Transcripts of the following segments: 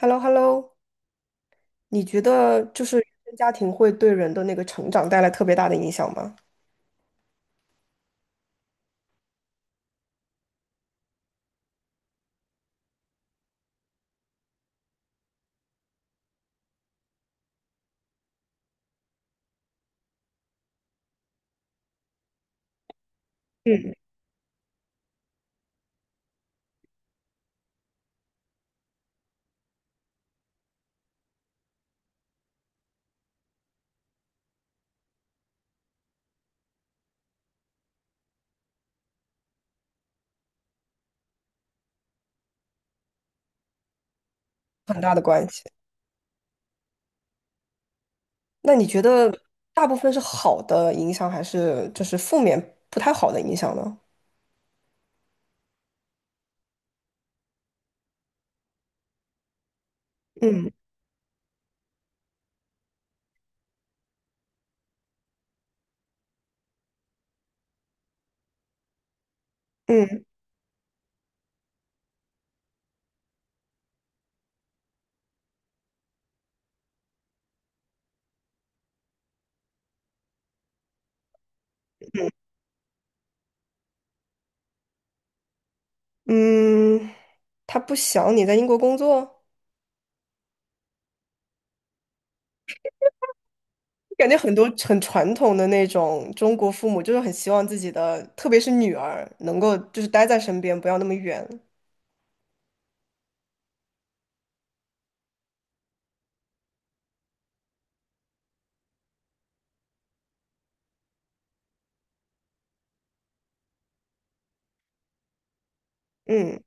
h e l l o h e l l o 你觉得就是原生家庭会对人的那个成长带来特别大的影响吗？很大的关系。那你觉得大部分是好的影响，还是就是负面不太好的影响呢？嗯嗯嗯，他不想你在英国工作，感觉很多很传统的那种中国父母就是很希望自己的，特别是女儿能够就是待在身边，不要那么远。嗯，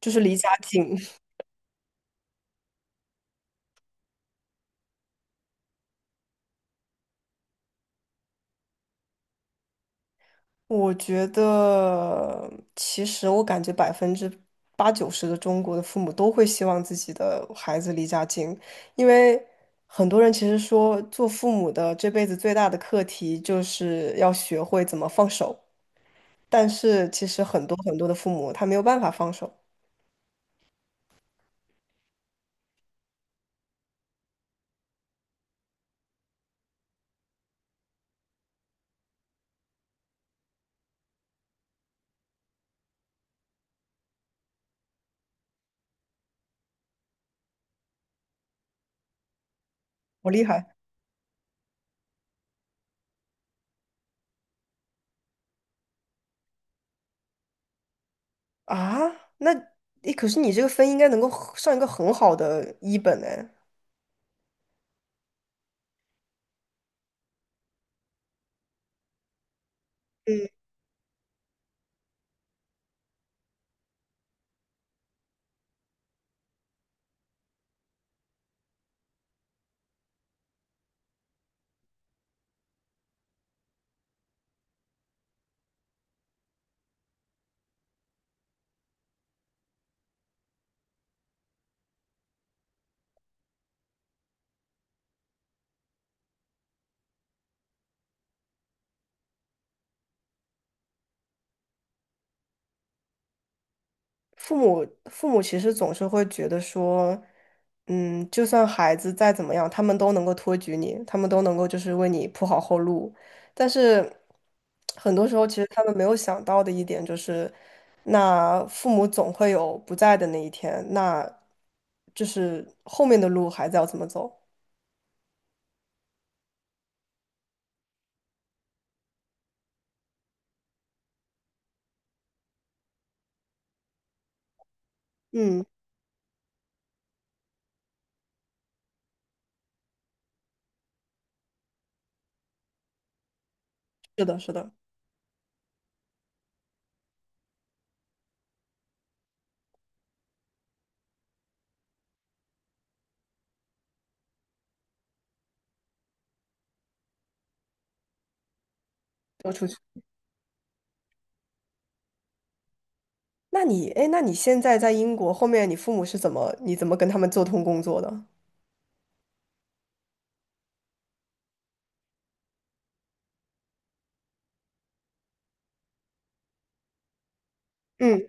就是离家近。我觉得，其实我感觉80%-90%的中国的父母都会希望自己的孩子离家近，因为很多人其实说，做父母的这辈子最大的课题就是要学会怎么放手，但是其实很多很多的父母他没有办法放手，我厉害啊！那，诶，可是你这个分应该能够很上一个很好的一本哎。嗯。父母其实总是会觉得说，嗯，就算孩子再怎么样，他们都能够托举你，他们都能够就是为你铺好后路。但是很多时候，其实他们没有想到的一点就是，那父母总会有不在的那一天，那就是后面的路孩子要怎么走？嗯，是的，是的，要出去。那你，哎，那你现在在英国，后面你父母是怎么，你怎么跟他们做通工作的？嗯，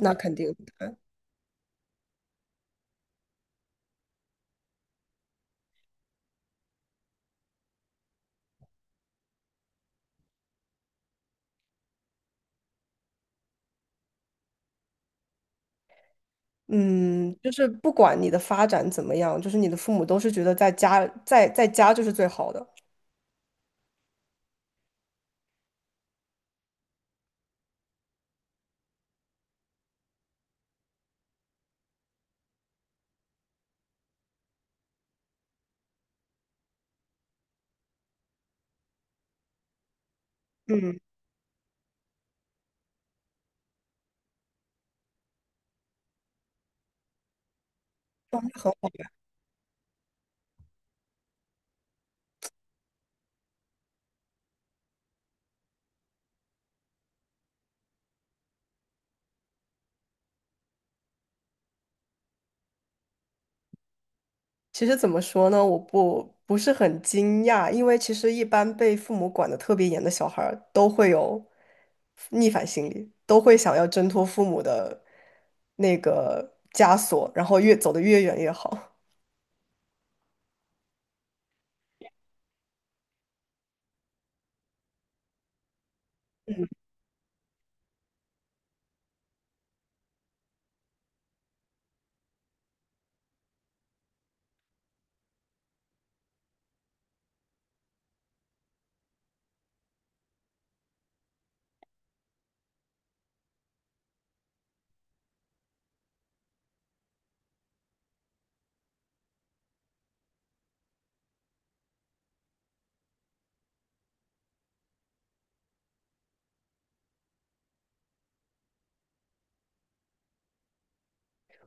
那肯定。嗯，就是不管你的发展怎么样，就是你的父母都是觉得在家就是最好的。嗯，状态很好。其实怎么说呢，我不是很惊讶，因为其实一般被父母管得特别严的小孩儿都会有逆反心理，都会想要挣脱父母的那个枷锁，然后越走得越远越好。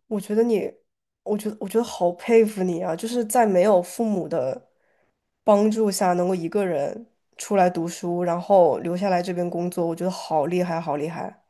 我觉得你，我觉得好佩服你啊！就是在没有父母的帮助下，能够一个人出来读书，然后留下来这边工作，我觉得好厉害，好厉害！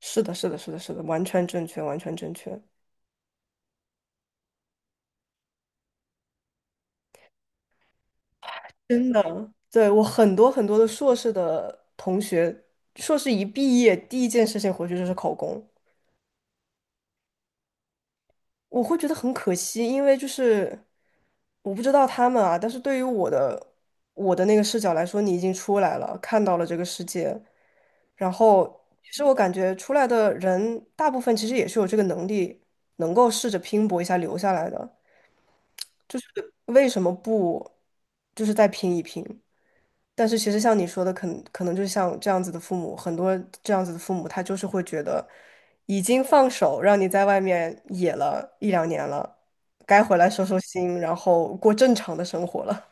是的，是的，是的，是的，完全正确，完全正确。真的，对，我很多很多的硕士的同学，硕士一毕业，第一件事情回去就是考公。我会觉得很可惜，因为就是我不知道他们啊，但是对于我的那个视角来说，你已经出来了，看到了这个世界，然后其实我感觉出来的人大部分其实也是有这个能力，能够试着拼搏一下留下来的，就是为什么不就是再拼一拼？但是其实像你说的，可能就像这样子的父母，很多这样子的父母，他就是会觉得已经放手让你在外面野了1到2年了，该回来收收心，然后过正常的生活了。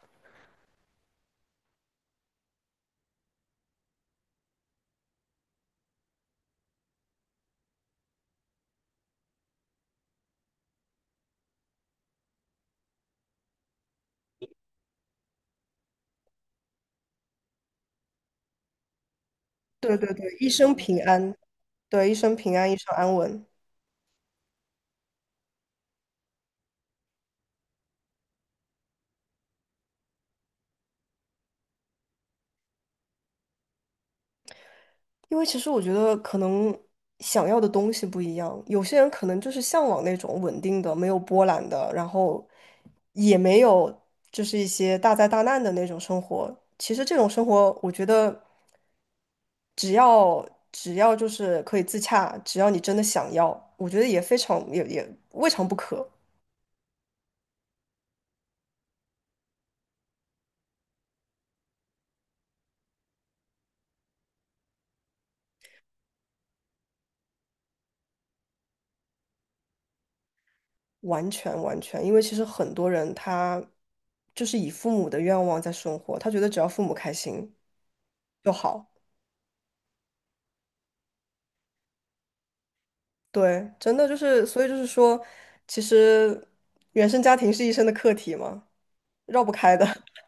对对对，一生平安，对，一生平安，一生安稳。因为其实我觉得可能想要的东西不一样，有些人可能就是向往那种稳定的、没有波澜的，然后也没有就是一些大灾大难的那种生活。其实这种生活，我觉得只要就是可以自洽，只要你真的想要，我觉得也非常也未尝不可。完全完全，因为其实很多人他就是以父母的愿望在生活，他觉得只要父母开心就好。对，真的就是，所以就是说，其实原生家庭是一生的课题嘛，绕不开的。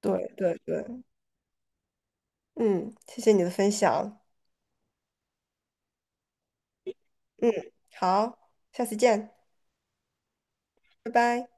对对对，嗯，谢谢你的分享，嗯，好，下次见，拜拜。